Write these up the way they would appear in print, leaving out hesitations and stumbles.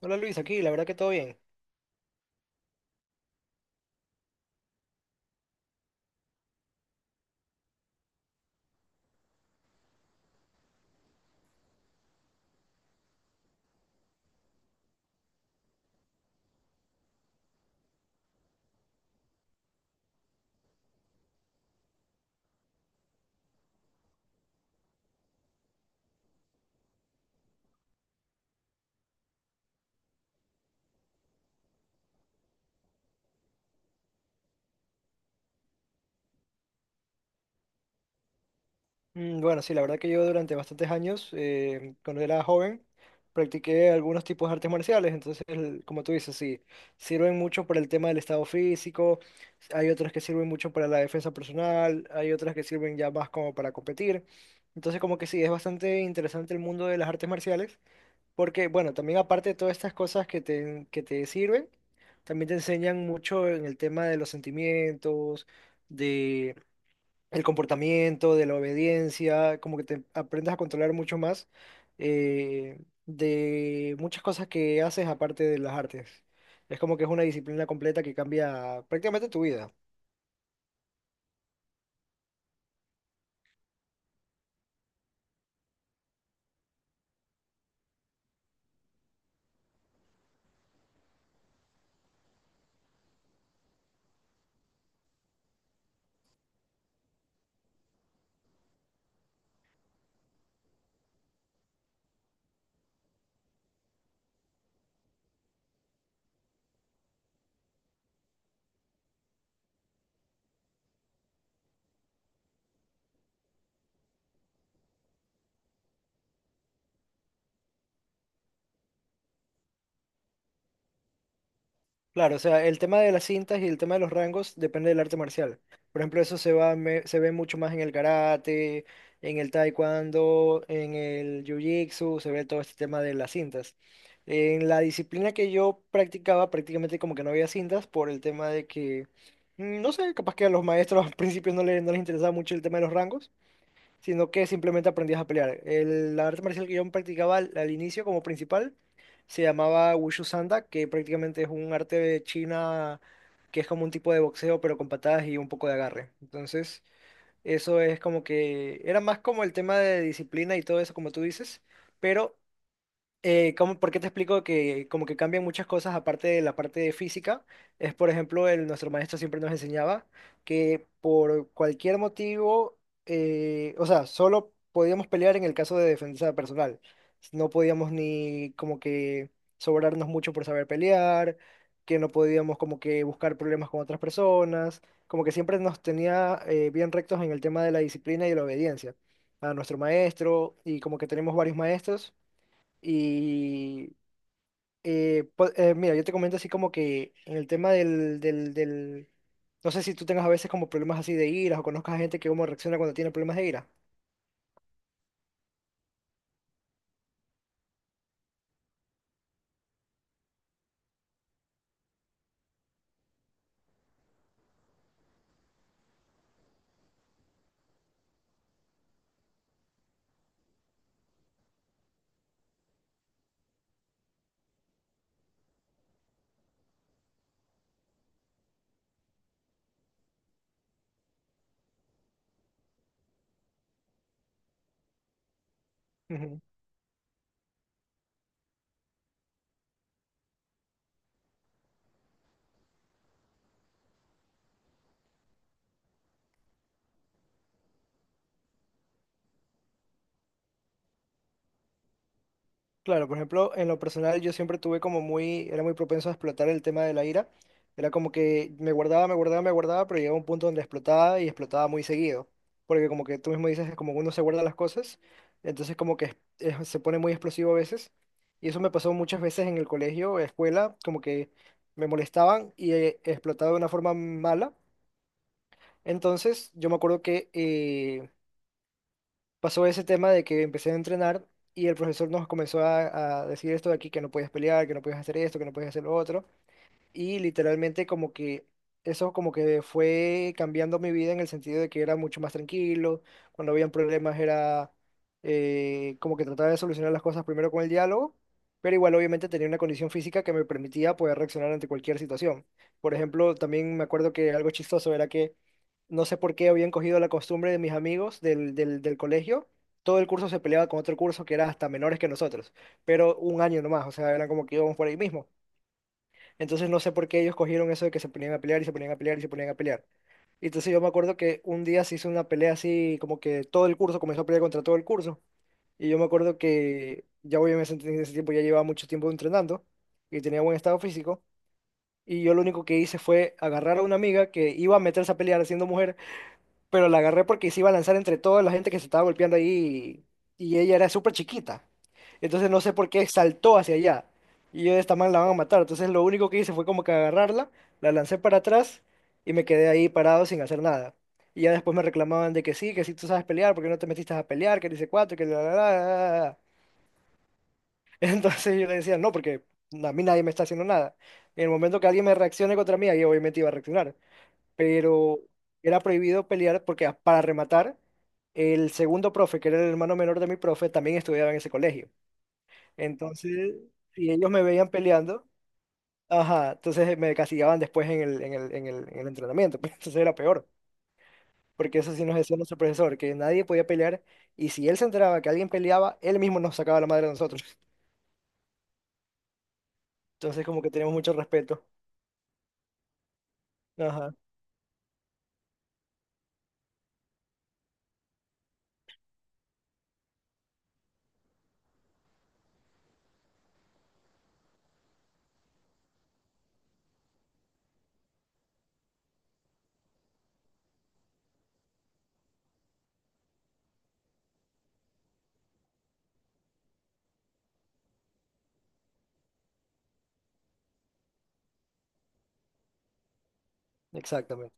Hola Luis, aquí, la verdad que todo bien. Bueno, sí, la verdad que yo durante bastantes años, cuando era joven, practiqué algunos tipos de artes marciales. Entonces, como tú dices, sí, sirven mucho para el tema del estado físico, hay otras que sirven mucho para la defensa personal, hay otras que sirven ya más como para competir. Entonces, como que sí, es bastante interesante el mundo de las artes marciales, porque, bueno, también aparte de todas estas cosas que que te sirven, también te enseñan mucho en el tema de los sentimientos, el comportamiento, de la obediencia, como que te aprendes a controlar mucho más eh, de muchas cosas que haces aparte de las artes. Es como que es una disciplina completa que cambia prácticamente tu vida. Claro, o sea, el tema de las cintas y el tema de los rangos depende del arte marcial. Por ejemplo, eso se se ve mucho más en el karate, en el taekwondo, en el jiu-jitsu, se ve todo este tema de las cintas. En la disciplina que yo practicaba, prácticamente como que no había cintas por el tema de que, mm, no sé, capaz que a los maestros al principio no les interesaba mucho el tema de los rangos, sino que simplemente aprendías a pelear. La arte marcial que yo practicaba al inicio como principal se llamaba Wushu Sanda, que prácticamente es un arte de China, que es como un tipo de boxeo, pero con patadas y un poco de agarre. Entonces, eso es como que era más como el tema de disciplina y todo eso, como tú dices. Pero ¿ por qué te explico que como que cambian muchas cosas aparte de la parte de física? Es, por ejemplo, nuestro maestro siempre nos enseñaba que por cualquier motivo, o sea, solo podíamos pelear en el caso de defensa personal. No podíamos ni como que sobrarnos mucho por saber pelear, que no podíamos como que buscar problemas con otras personas, como que siempre nos tenía bien rectos en el tema de la disciplina y la obediencia a nuestro maestro, y como que tenemos varios maestros. Y mira, yo te comento así como que en el tema del... No sé si tú tengas a veces como problemas así de ira o conozcas a gente que cómo reacciona cuando tiene problemas de ira. Claro, por ejemplo, en lo personal yo siempre tuve como muy, era muy propenso a explotar el tema de la ira. Era como que me guardaba, pero llegaba un punto donde explotaba, y explotaba muy seguido. Porque como que tú mismo dices, es como que uno se guarda las cosas, entonces como que se pone muy explosivo a veces. Y eso me pasó muchas veces en el colegio, escuela, como que me molestaban y explotaba de una forma mala. Entonces yo me acuerdo que pasó ese tema de que empecé a entrenar, y el profesor nos comenzó a decir esto de aquí, que no podías pelear, que no podías hacer esto, que no podías hacer lo otro, y literalmente como que eso como que fue cambiando mi vida en el sentido de que era mucho más tranquilo. Cuando habían problemas era como que trataba de solucionar las cosas primero con el diálogo, pero igual obviamente tenía una condición física que me permitía poder reaccionar ante cualquier situación. Por ejemplo, también me acuerdo que algo chistoso era que no sé por qué habían cogido la costumbre de mis amigos del colegio. Todo el curso se peleaba con otro curso que era hasta menores que nosotros, pero un año nomás, o sea, eran como que íbamos por ahí mismo. Entonces no sé por qué ellos cogieron eso de que se ponían a pelear, y se ponían a pelear, y se ponían a pelear. Y entonces yo me acuerdo que un día se hizo una pelea así, como que todo el curso comenzó a pelear contra todo el curso. Y yo me acuerdo que ya voy en ese tiempo, ya llevaba mucho tiempo entrenando y tenía buen estado físico. Y yo lo único que hice fue agarrar a una amiga que iba a meterse a pelear siendo mujer, pero la agarré porque se iba a lanzar entre toda la gente que se estaba golpeando ahí, y ella era súper chiquita. Entonces no sé por qué saltó hacia allá. Y yo de esta man la van a matar. Entonces lo único que hice fue como que agarrarla, la lancé para atrás y me quedé ahí parado sin hacer nada. Y ya después me reclamaban de que sí tú sabes pelear, porque no te metiste a pelear, que dice cuatro, que la". Entonces yo le decía, no, porque a mí nadie me está haciendo nada. En el momento que alguien me reaccione contra mí, ahí obviamente iba a reaccionar, pero era prohibido pelear porque para rematar, el segundo profe, que era el hermano menor de mi profe, también estudiaba en ese colegio. Entonces, si ellos me veían peleando, ajá, entonces me castigaban después en el entrenamiento, pues entonces era peor. Porque eso sí nos decía nuestro profesor, que nadie podía pelear, y si él se enteraba que alguien peleaba, él mismo nos sacaba la madre a nosotros. Entonces como que tenemos mucho respeto. Ajá, exactamente.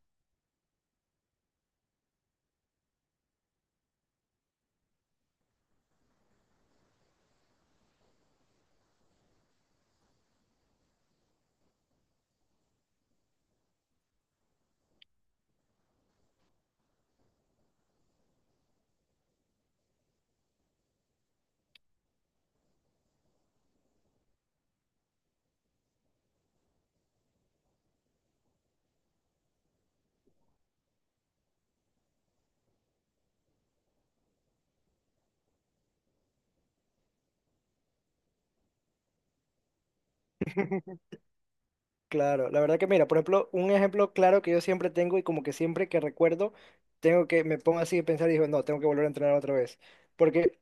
Claro, la verdad que mira, por ejemplo, un ejemplo claro que yo siempre tengo y como que siempre que recuerdo, tengo que, me pongo así a pensar y digo, no, tengo que volver a entrenar otra vez. Porque,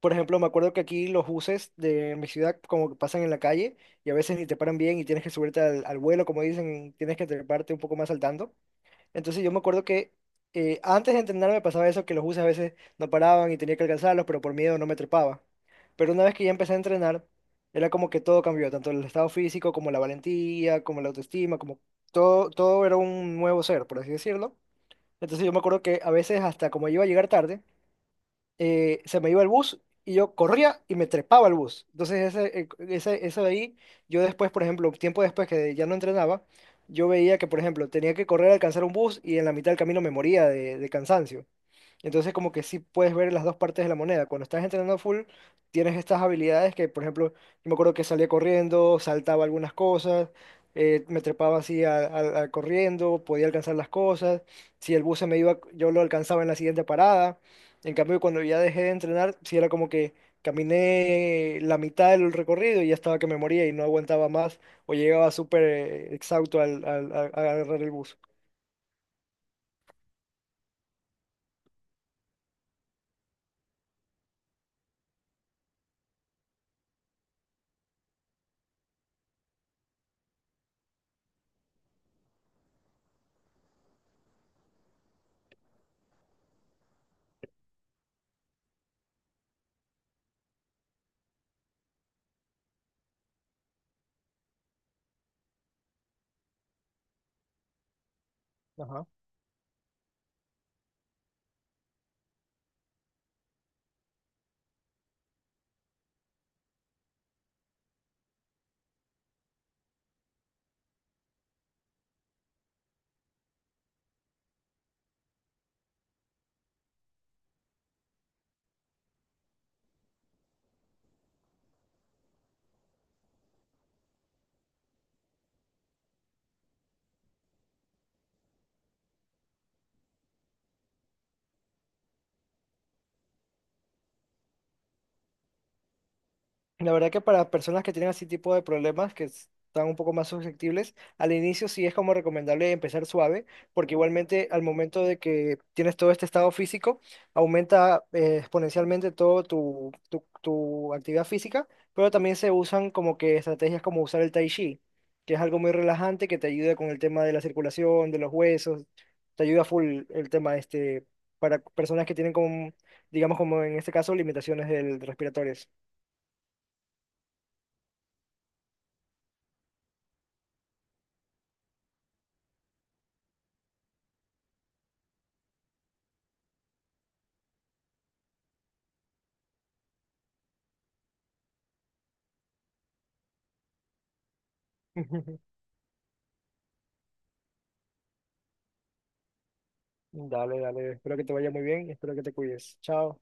por ejemplo, me acuerdo que aquí los buses de mi ciudad como que pasan en la calle, y a veces ni te paran bien y tienes que subirte al vuelo, como dicen, tienes que treparte un poco más saltando. Entonces yo me acuerdo que antes de entrenar me pasaba eso, que los buses a veces no paraban y tenía que alcanzarlos, pero por miedo no me trepaba. Pero una vez que ya empecé a entrenar, era como que todo cambió, tanto el estado físico como la valentía, como la autoestima, como todo, todo era un nuevo ser, por así decirlo. Entonces yo me acuerdo que a veces hasta como iba a llegar tarde, se me iba el bus y yo corría y me trepaba al bus. Entonces, eso de ahí, yo después, por ejemplo, tiempo después que ya no entrenaba, yo veía que, por ejemplo, tenía que correr a alcanzar un bus y en la mitad del camino me moría de cansancio. Entonces como que sí puedes ver las dos partes de la moneda. Cuando estás entrenando full, tienes estas habilidades que, por ejemplo, yo me acuerdo que salía corriendo, saltaba algunas cosas, me trepaba así a corriendo, podía alcanzar las cosas. Si el bus se me iba, yo lo alcanzaba en la siguiente parada. En cambio, cuando ya dejé de entrenar, sí era como que caminé la mitad del recorrido y ya estaba que me moría y no aguantaba más, o llegaba súper exhausto a agarrar el bus. La verdad que para personas que tienen así tipo de problemas, que están un poco más susceptibles, al inicio sí es como recomendable empezar suave, porque igualmente al momento de que tienes todo este estado físico, aumenta exponencialmente todo tu actividad física, pero también se usan como que estrategias como usar el tai chi, que es algo muy relajante que te ayuda con el tema de la circulación, de los huesos, te ayuda full el tema este, para personas que tienen como, digamos como en este caso, limitaciones respiratorias. Dale, dale. Espero que te vaya muy bien. Espero que te cuides. Chao.